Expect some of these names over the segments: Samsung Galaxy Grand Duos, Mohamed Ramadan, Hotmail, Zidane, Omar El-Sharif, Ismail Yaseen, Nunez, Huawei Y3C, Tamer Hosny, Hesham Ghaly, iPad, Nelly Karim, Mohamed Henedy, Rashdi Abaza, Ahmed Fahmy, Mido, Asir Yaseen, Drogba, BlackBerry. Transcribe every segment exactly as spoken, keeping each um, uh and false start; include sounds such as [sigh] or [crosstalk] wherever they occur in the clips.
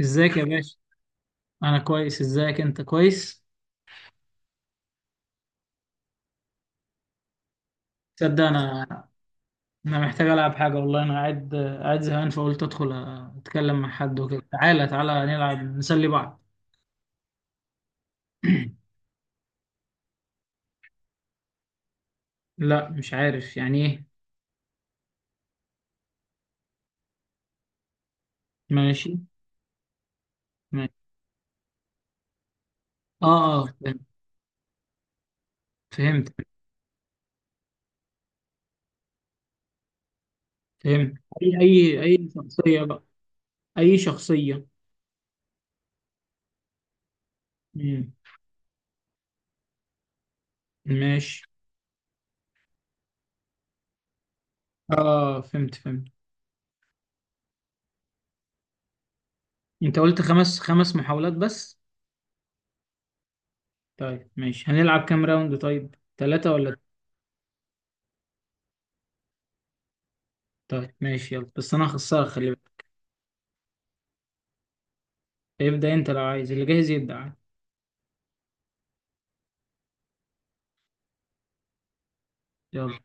ازيك يا باشا. انا كويس، ازيك؟ انت كويس؟ تصدق انا. انا محتاج العب حاجه والله. انا قاعد قاعد زهقان فقلت ادخل اتكلم مع حد وكده. تعالى تعالى نلعب نسلي بعض. [clears throat] لا، مش عارف يعني ايه. ماشي ماشي. اه اه فهمت فهمت فهمت. اي اي اي شخصيه بقى. اي شخصيه. مم. ماشي. اه فهمت فهمت. انت قلت خمس خمس محاولات بس. طيب ماشي، هنلعب كام راوند؟ طيب ثلاثة ولا؟ طيب ماشي يلا، بس انا هخسرك خلي بالك. ابدأ انت لو عايز، اللي جاهز يبدأ عادي. يلا.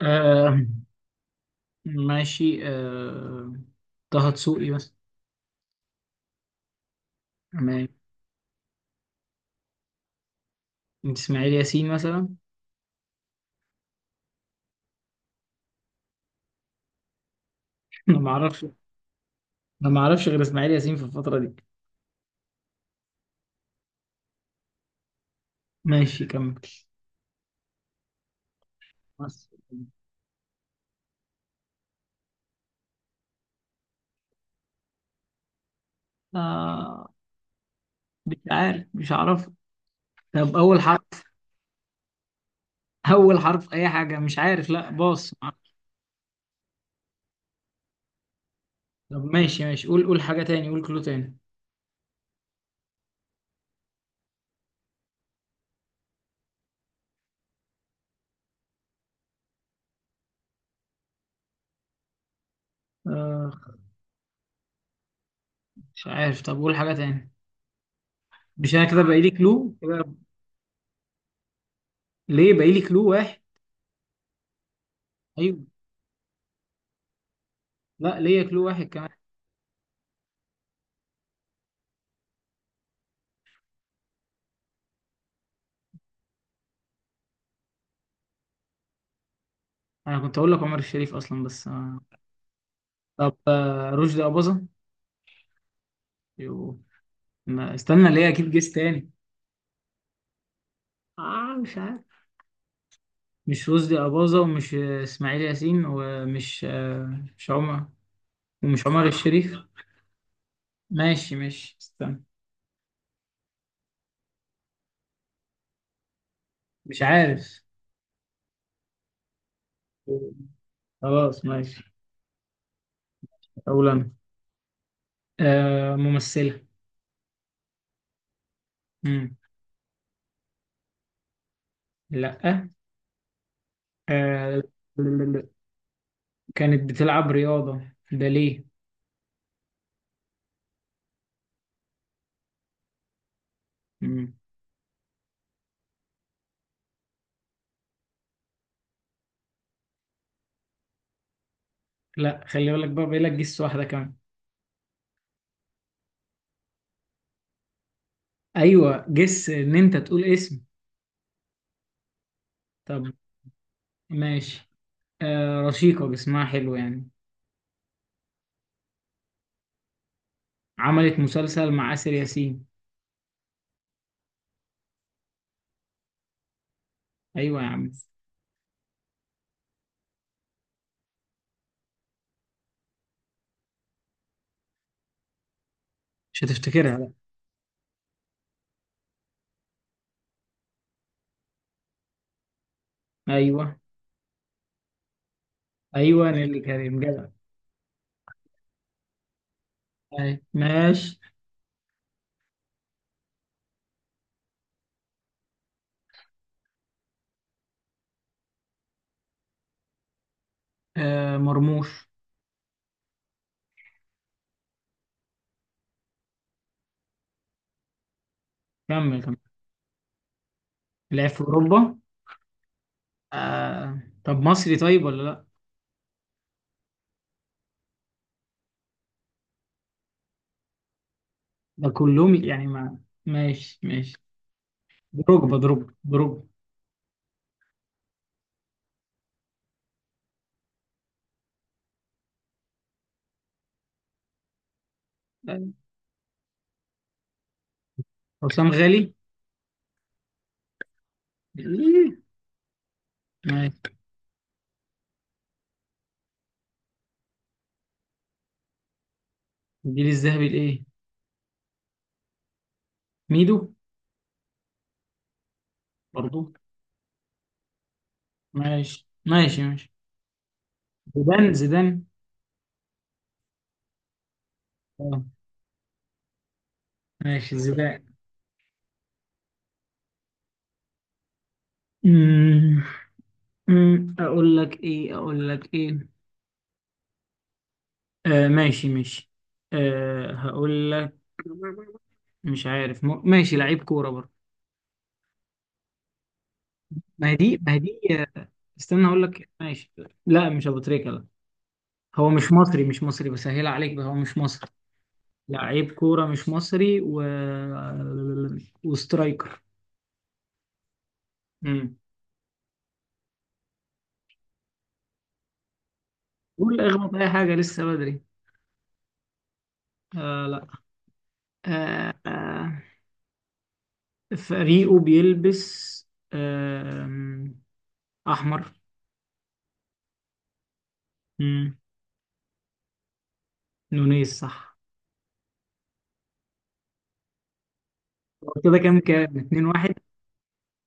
آه. ماشي. آه طه دسوقي مثلا. تمام. اسماعيل ياسين مثلا. [laughs] انا ما اعرفش. انا ما اعرفش غير اسماعيل ياسين في الفترة دي. ماشي كمل. بس. آه مش عارف مش عارف. طب اول حرف؟ اول حرف اي حاجة، مش عارف، لا باص. طب ماشي ماشي، قول قول حاجة تاني، قول كلو تاني. آه مش عارف، طب قول حاجة تاني. مش انا كده باقي لي كلو كده؟ ليه باقي لي كلو واحد؟ ايوه. لا، ليا كلو واحد كمان. انا كنت اقول لك عمر الشريف اصلا، بس آه. طب آه، رشدي اباظة. يو. ما استنى ليه، اكيد جيس تاني. اه مش عارف. مش رشدي اباظة، ومش آه، اسماعيل ياسين، ومش آه، مش عمر، ومش عمر الشريف. ماشي ماشي استنى. مش عارف. خلاص ماشي. اقول انا. آه ممثلة. مم. لا. آه. كانت بتلعب رياضة. ده ليه؟ مم. لا خلي بالك بقى بقى لك جس واحدة كمان. ايوه، جس ان انت تقول اسم. طب ماشي. آه رشيقة، جسمها حلو يعني. عملت مسلسل مع آسر ياسين. ايوه يا عم. مش هتفتكرها لا. ايوه ايوه نيللي كريم جدع. أيوة. ماشي. آه مرموش. كمل كمل. لعب في اوروبا. آه طب مصري طيب ولا لا؟ ده كلهم يعني ما. ماشي ماشي. دروجبا دروجبا دروجبا. أيوة. حسام غالي. إيه؟ ماشي. الجيل الذهبي لايه؟ ميدو. برضو. ماشي ماشي ماشي. زيدان زيدان. اه. ماشي زيدان. أمم، أمم، اقول لك ايه، اقول لك ايه. آه ماشي ماشي. آه هقول لك. مش عارف م... ماشي لعيب كورة برضه. ما هي دي، ما هي دي. آه، استنى اقول لك ماشي. لا، مش ابو تريكة، لا. هو مش مصري، مش مصري بسهل عليك بقى، هو مش مصري. لعيب كورة مش مصري و وسترايكر. امم. قول اخبط اي حاجة لسه بدري. آه، لا. آه آه. فريقه بيلبس. آم، أحمر. مم. نونيز صح. هو كده كام؟ كام اتنين واحد.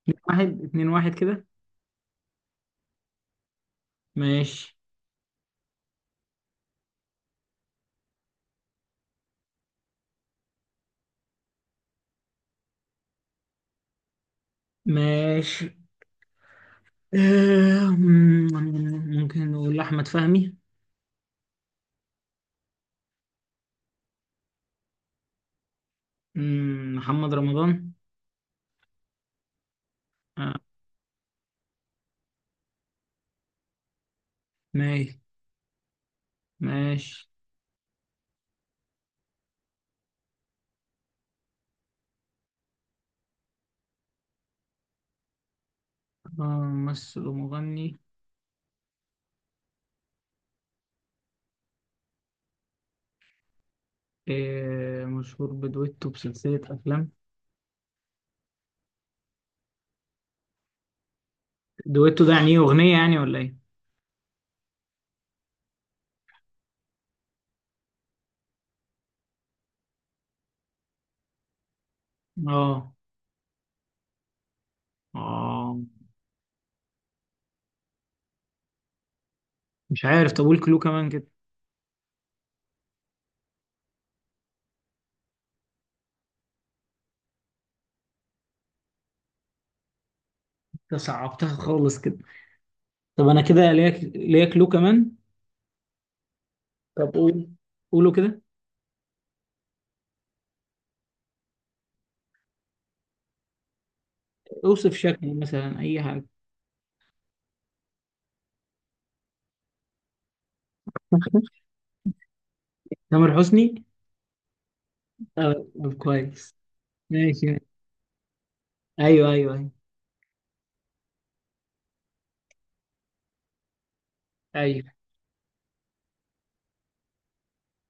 اتنين واحد، اتنين واحد كده. ماشي. ماشي آم، ممكن نقول أحمد فهمي. مم، محمد رمضان. آه، ماشي ماشي. آه، ممثل ومغني. آه، مشهور بدويتو بسلسلة أفلام. دويتو ده يعني إيه، أغنية يعني ولا إيه؟ آه آه. مش عارف، طب قول كلو كمان كده. ده صعبتها خالص كده. طب انا كده ليك ليك لو كمان. طب قول. قوله كده. اوصف شكله مثلا، اي حاجه. [laughs] تامر حسني. آه، طب كويس. ماشي. ايوه ايوه ايوه. ايوه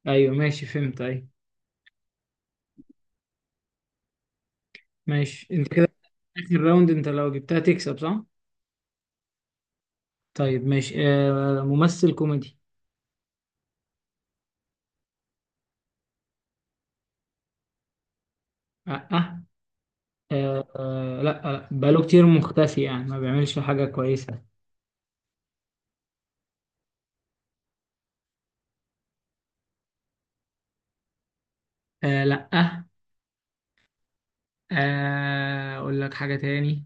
ايوه ماشي فهمت ايوه. ماشي انت كده. اخر راوند، انت لو جبتها تكسب صح؟ طيب ماشي. آه ممثل كوميدي. آه, آه, آه, آه، لا لا، بقاله كتير مختفي يعني ما بيعملش حاجه كويسه. آه، لا، آه آه، اقول لك حاجه تاني.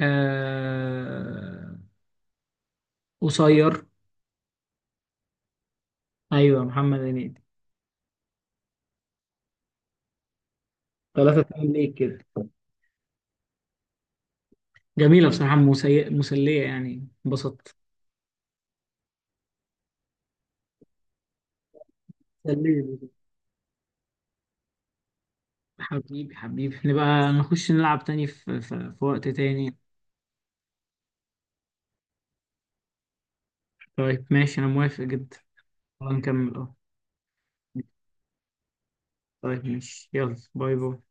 آه... قصير. ايوه محمد هنيدي. ثلاثة اتنين ليك كده. جميلة بصراحة، مسي... مسلية يعني، انبسطت. سلمي. حبيبي حبيبي نبقى نخش نلعب تاني، في, في... في وقت تاني. طيب ماشي، أنا موافق جدا. يلا نكمل اه. طيب ماشي، يلا باي باي.